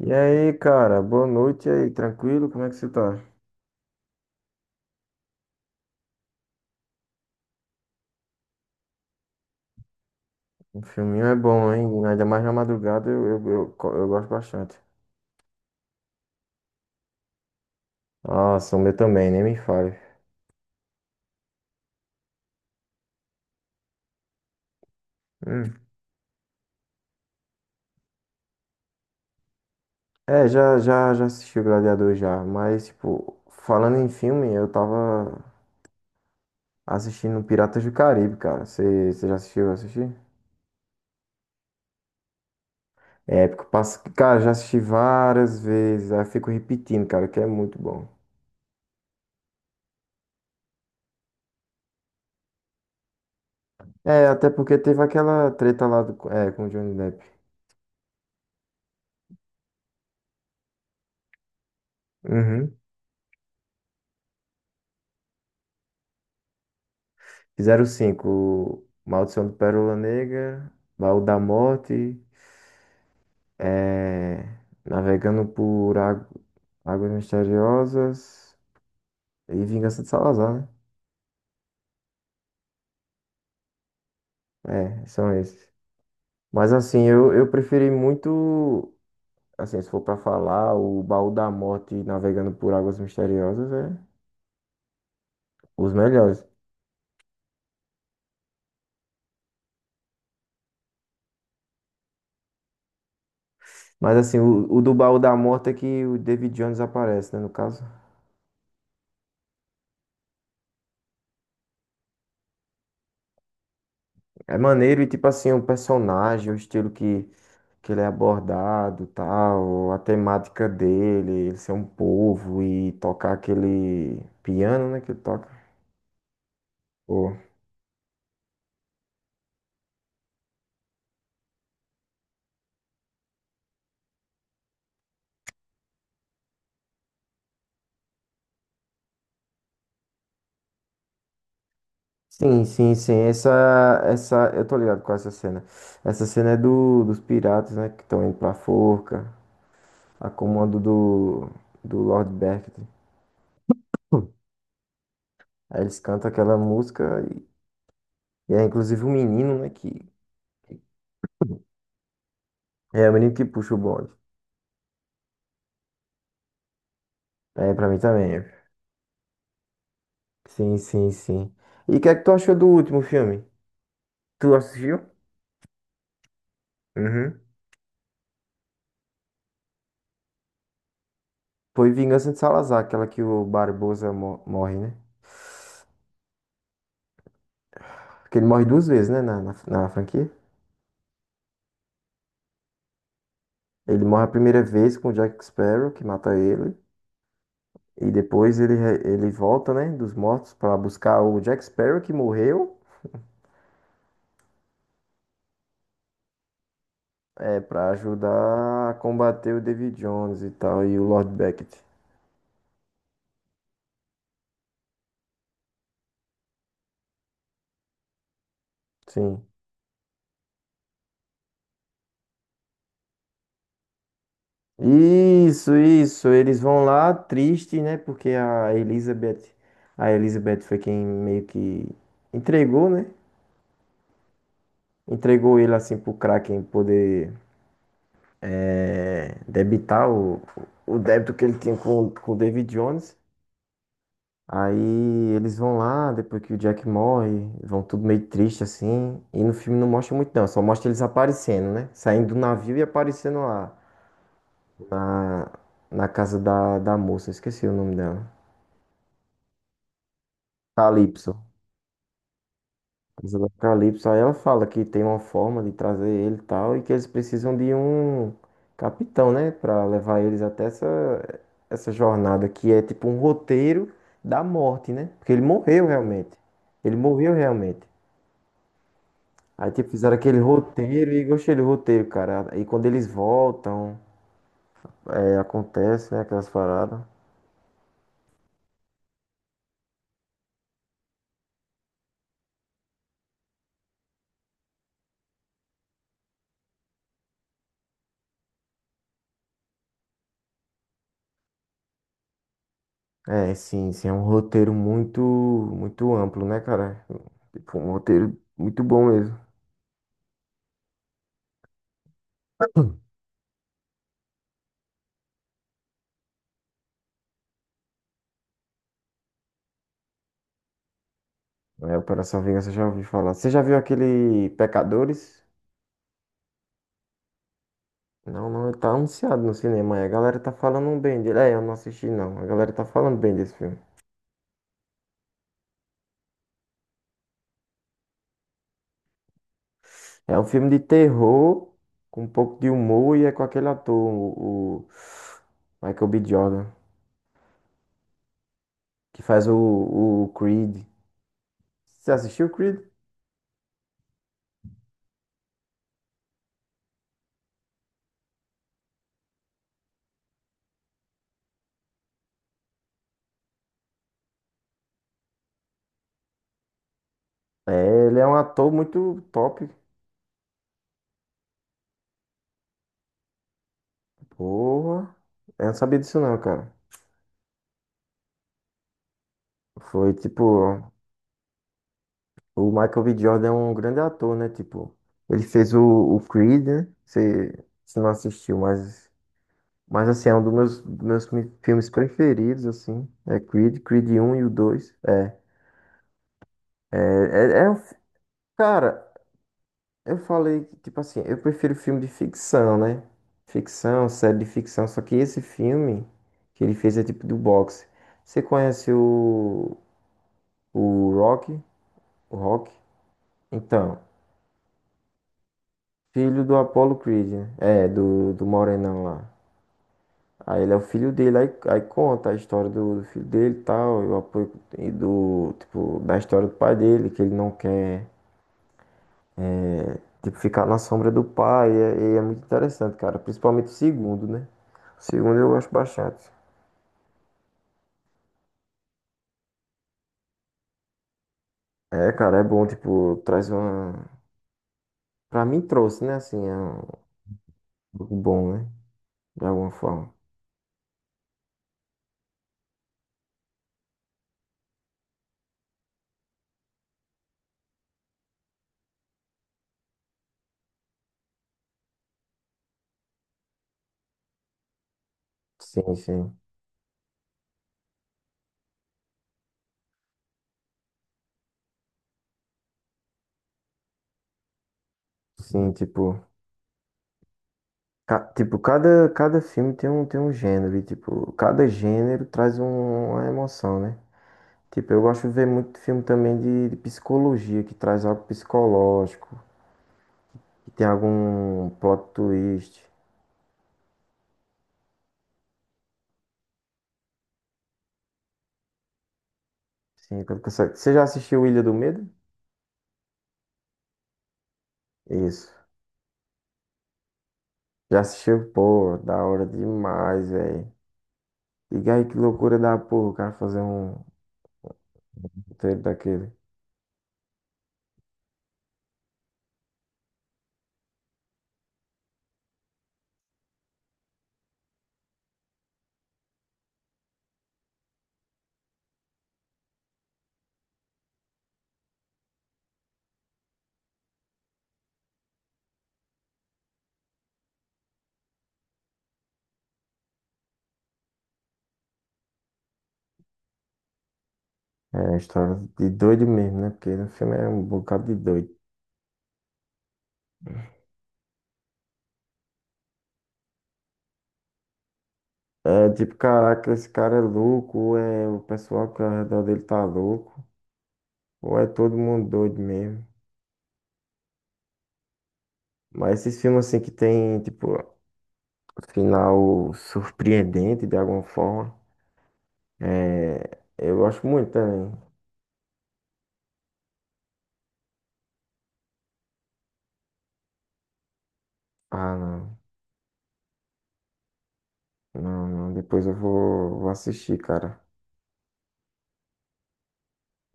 E aí, cara, boa noite e aí, tranquilo? Como é que você tá? O filminho é bom, hein? Ainda mais na madrugada eu gosto bastante. Nossa, o meu também, nem me fale. Hum. É, já assisti o Gladiador já, mas, tipo, falando em filme, eu tava assistindo Piratas do Caribe, cara. Você já assistiu? Assistir? É, porque, cara, já assisti várias vezes, aí eu fico repetindo, cara, que é muito bom. É, até porque teve aquela treta lá do, com o Johnny Depp. Uhum. Fizeram cinco. Maldição do Pérola Negra, Baú da Morte, eh, Navegando por Águas Misteriosas e Vingança de Salazar, né? É, são esses. Mas assim, eu preferi muito, assim, se for pra falar, o Baú da Morte e Navegando por Águas Misteriosas é os melhores. Mas assim, o do Baú da Morte é que o David Jones aparece, né, no caso. É maneiro e tipo assim, o personagem, o estilo que ele é abordado, tal, a temática dele, ele ser um povo e tocar aquele piano, né, que ele toca. Pô. Sim, sim, sim, essa, eu tô ligado com essa cena. Essa cena é do, dos piratas, né, que estão indo pra forca, a comando do Lord Beckett. Aí eles cantam aquela música e é inclusive o menino, né, é o menino que puxa o bonde. É, pra mim também. Sim, sim, sim. E o que é que tu achou do último filme? Tu assistiu? Uhum. Foi Vingança de Salazar, aquela que o Barbosa morre, né? Porque ele morre duas vezes, né, na franquia. Ele morre a primeira vez com o Jack Sparrow, que mata ele. E depois ele volta, né, dos mortos pra buscar o Jack Sparrow, que morreu, para ajudar a combater o David Jones e tal, e o Lord Beckett. Sim. Isso, isso. Eles vão lá triste, né, porque a Elizabeth foi quem meio que entregou, né? Entregou ele assim pro Kraken poder debitar o débito que ele tinha com o David Jones. Aí eles vão lá, depois que o Jack morre, vão tudo meio triste assim. E no filme não mostra muito não, só mostra eles aparecendo, né? Saindo do navio e aparecendo lá na, na casa da moça, esqueci o nome dela. Calypso. Casa do Apocalipse. Aí ela fala que tem uma forma de trazer ele e tal, e que eles precisam de um capitão, né? Pra levar eles até essa jornada, que é tipo um roteiro da morte, né? Porque ele morreu realmente. Ele morreu realmente. Aí tipo, fizeram aquele roteiro e gostei do roteiro, cara. E quando eles voltam, acontece, né? Aquelas paradas. É, sim, sim, é um roteiro muito, muito amplo, né, cara? Tipo, um roteiro muito bom mesmo. É, Operação Vingança, já ouvi falar. Você já viu aquele Pecadores? Não, não, ele tá anunciado no cinema. Aí a galera tá falando bem dele. É, eu não assisti, não. A galera tá falando bem desse filme. É um filme de terror, com um pouco de humor, e é com aquele ator, o Michael B. Jordan, que faz o Creed. Você assistiu o Creed? É, ele é um ator muito top. Porra. Eu não sabia disso, não, cara. Foi tipo. O Michael B. Jordan é um grande ator, né? Tipo, ele fez o Creed, né? Você não assistiu, mas, assim, é um dos meus filmes preferidos, assim. É Creed, Creed um e o 2. É, é, é um fi- Cara, eu falei que, tipo assim, eu prefiro filme de ficção, né? Ficção, série de ficção. Só que esse filme que ele fez é tipo do boxe. Você conhece o Rock? O Rock? Então. Filho do Apollo Creed, né? É, do Morenão lá. Aí ele é o filho dele, aí conta a história do filho dele e tal, e o apoio e do, tipo, da história do pai dele, que ele não quer, tipo, ficar na sombra do pai, e é muito interessante, cara, principalmente o segundo, né? O segundo eu gosto bastante. É, cara, é bom, tipo, traz uma... Pra mim trouxe, né, assim, é algo bom, né? De alguma forma. Sim, sim. Sim, tipo... Tipo, cada filme tem um gênero, e tipo, cada gênero traz uma emoção, né? Tipo, eu gosto de ver muito filme também de psicologia, que traz algo psicológico, que tem algum plot twist. Sim, você já assistiu Ilha do Medo? Isso. Já assistiu? Pô, da hora demais, velho. E aí, que loucura da porra, o cara fazer um roteiro daquele. É, história de doido mesmo, né? Porque no filme é um bocado de doido. É tipo, caraca, esse cara é louco, ou é o pessoal que ao redor dele tá louco, ou é todo mundo doido mesmo. Mas esses filmes assim que tem, tipo, final surpreendente de alguma forma, eu gosto muito também. Ah, não, não, não, depois eu vou assistir, cara.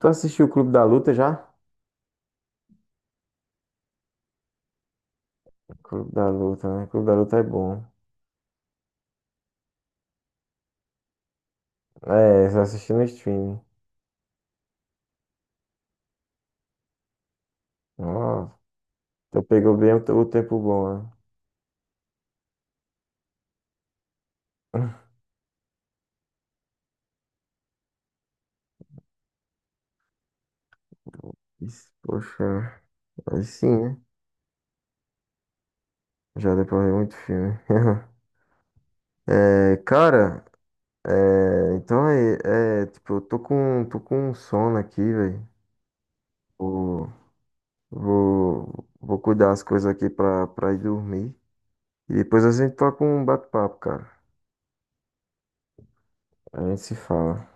Tu assistiu o Clube da Luta já? Clube da Luta, né? Clube da Luta é bom. É, só assisti no streaming. Ó, então pegou bem o tempo bom, né? Isso, poxa, aí sim, né? Já deu pra ver muito filme. É, cara, é, então tipo, eu tô com um sono aqui, velho. Vou, vou cuidar as coisas aqui pra ir dormir. E depois a gente toca um bate-papo, cara. A gente se fala.